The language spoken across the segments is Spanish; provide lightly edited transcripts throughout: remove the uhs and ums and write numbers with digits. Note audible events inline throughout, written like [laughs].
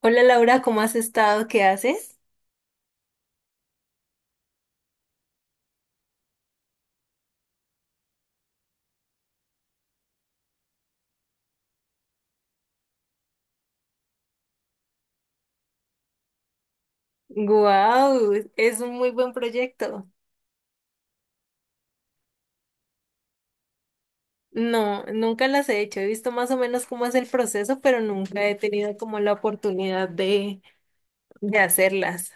Hola Laura, ¿cómo has estado? ¿Qué haces? ¡Guau! Es un muy buen proyecto. No, nunca las he hecho. He visto más o menos cómo es el proceso, pero nunca he tenido como la oportunidad de hacerlas.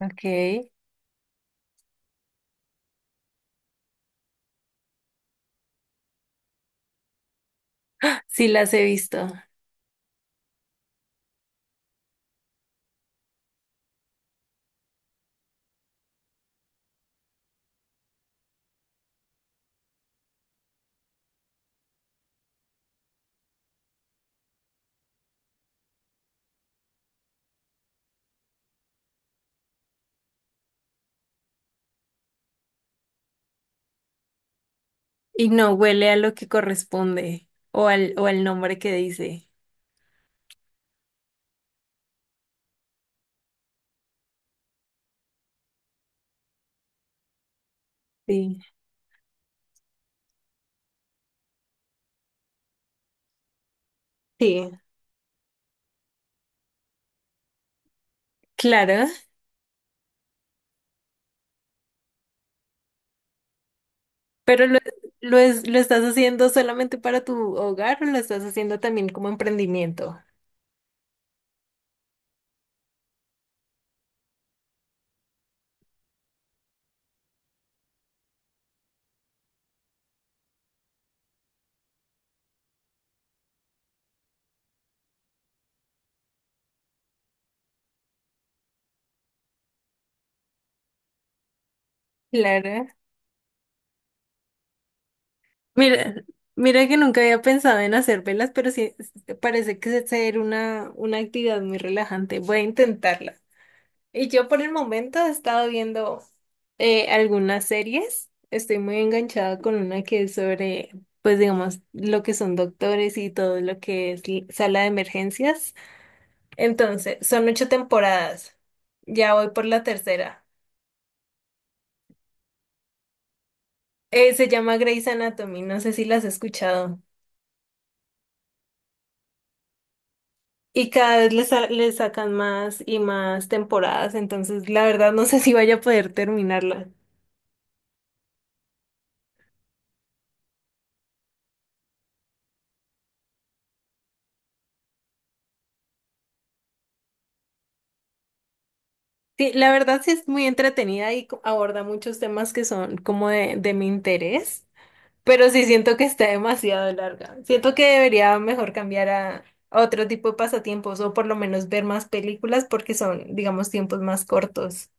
Ok. Sí las he visto. Y no huele a lo que corresponde o al nombre que dice. Sí. Sí, claro. Pero lo estás haciendo solamente para tu hogar o lo estás haciendo también como emprendimiento. Claro. Mira, mira que nunca había pensado en hacer velas, pero sí sí, parece que es ser una actividad muy relajante. Voy a intentarla. Y yo por el momento he estado viendo algunas series. Estoy muy enganchada con una que es sobre, pues digamos, lo que son doctores y todo lo que es sala de emergencias. Entonces, son ocho temporadas. Ya voy por la tercera. Se llama Grey's Anatomy. No sé si la has escuchado. Y cada vez le sacan más y más temporadas, entonces la verdad no sé [laughs] si vaya a poder terminarla. Sí, la verdad sí es muy entretenida y aborda muchos temas que son como de mi interés, pero sí siento que está demasiado larga. Siento que debería mejor cambiar a otro tipo de pasatiempos o por lo menos ver más películas porque son, digamos, tiempos más cortos.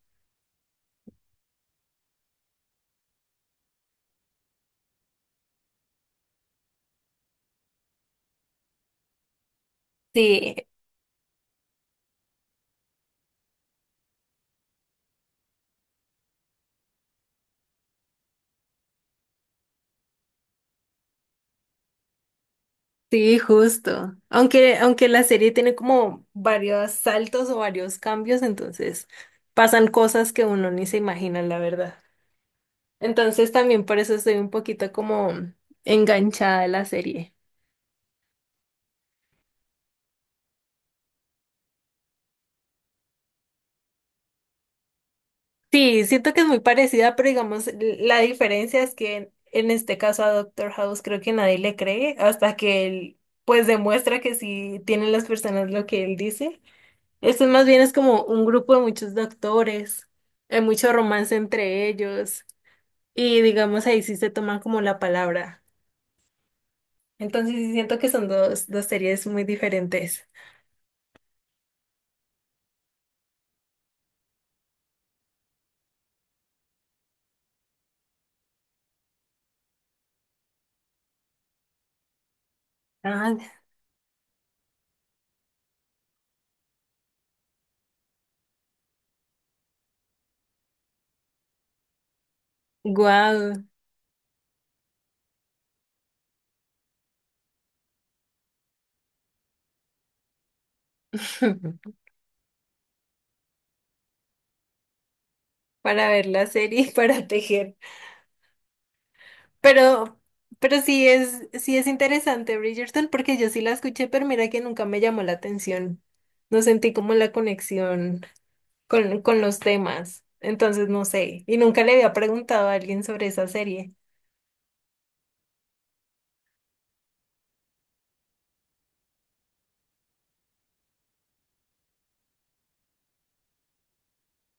Sí, sí, justo. Aunque la serie tiene como varios saltos o varios cambios, entonces pasan cosas que uno ni se imagina, la verdad. Entonces también por eso estoy un poquito como enganchada a la serie. Sí, siento que es muy parecida, pero digamos, la diferencia es que en este caso a Doctor House creo que nadie le cree hasta que él pues demuestra que sí tienen las personas lo que él dice. Esto más bien es como un grupo de muchos doctores, hay mucho romance entre ellos y digamos ahí sí se toman como la palabra. Entonces sí siento que son dos series muy diferentes. Ah, guau. [laughs] Para ver la serie y [laughs] para tejer. Pero, pero sí es interesante Bridgerton porque yo sí la escuché, pero mira que nunca me llamó la atención. No sentí como la conexión con los temas. Entonces, no sé. Y nunca le había preguntado a alguien sobre esa serie.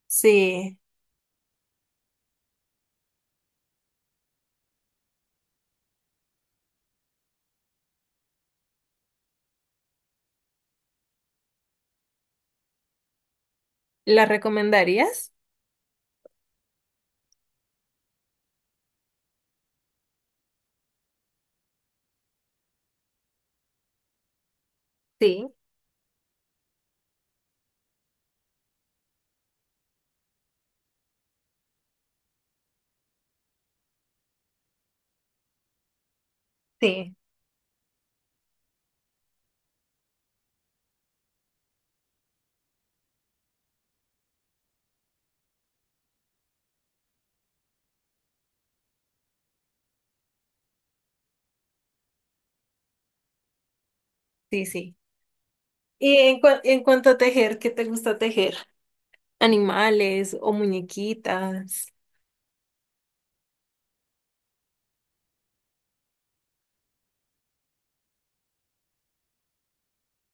Sí. ¿La recomendarías? Sí, sí. Sí, sí. Y en cuanto a tejer, ¿qué te gusta tejer? Animales o muñequitas.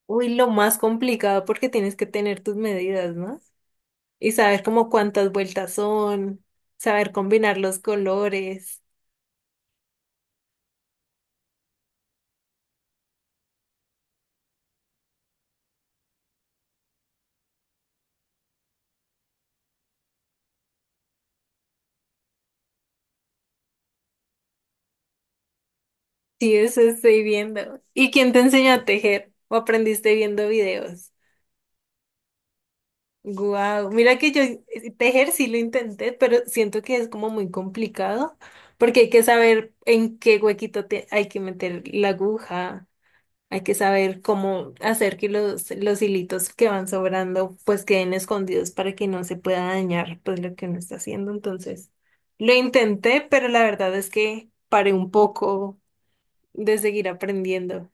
Uy, lo más complicado porque tienes que tener tus medidas, ¿no? Y saber como cuántas vueltas son, saber combinar los colores. Sí, eso estoy viendo. ¿Y quién te enseñó a tejer? ¿O aprendiste viendo videos? Guau, mira que yo tejer sí lo intenté, pero siento que es como muy complicado porque hay que saber en qué huequito te hay que meter la aguja, hay que saber cómo hacer que los hilitos que van sobrando pues queden escondidos para que no se pueda dañar pues lo que uno está haciendo. Entonces, lo intenté, pero la verdad es que paré un poco de seguir aprendiendo.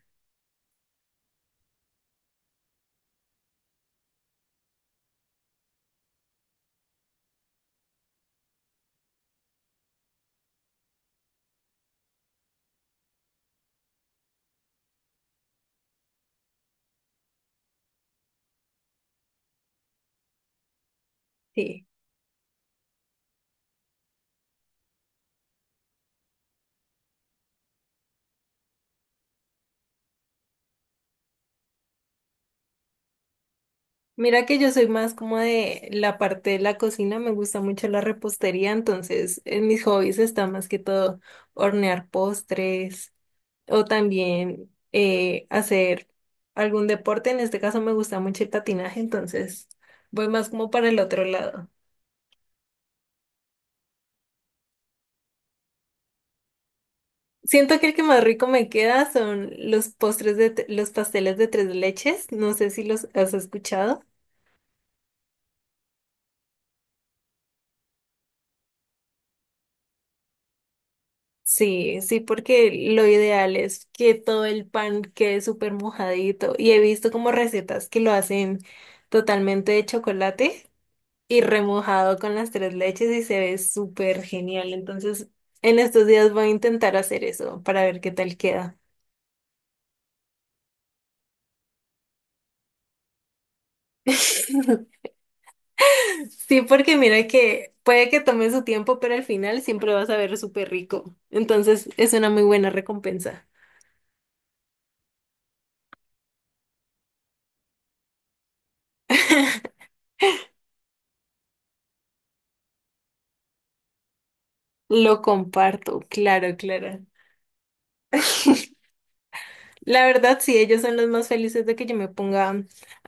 Sí. Mira que yo soy más como de la parte de la cocina, me gusta mucho la repostería, entonces en mis hobbies está más que todo hornear postres o también hacer algún deporte, en este caso me gusta mucho el patinaje, entonces voy más como para el otro lado. Siento que el que más rico me queda son los postres de los pasteles de tres leches, no sé si los has escuchado. Sí, sí, porque lo ideal es que todo el pan quede súper mojadito. Y he visto como recetas que lo hacen totalmente de chocolate y remojado con las tres leches y se ve súper genial. Entonces, en estos días voy a intentar hacer eso para ver qué tal queda. [laughs] Sí, porque mira que puede que tome su tiempo, pero al final siempre vas a ver súper rico. Entonces, es una muy buena recompensa. Lo comparto, claro, Clara. La verdad, sí, ellos son los más felices de que yo me ponga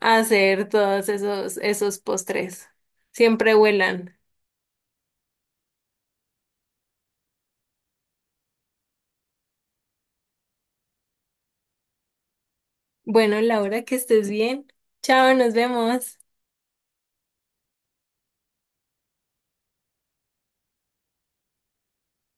a hacer todos esos postres. Siempre vuelan. Bueno, Laura, que estés bien. Chao, nos vemos.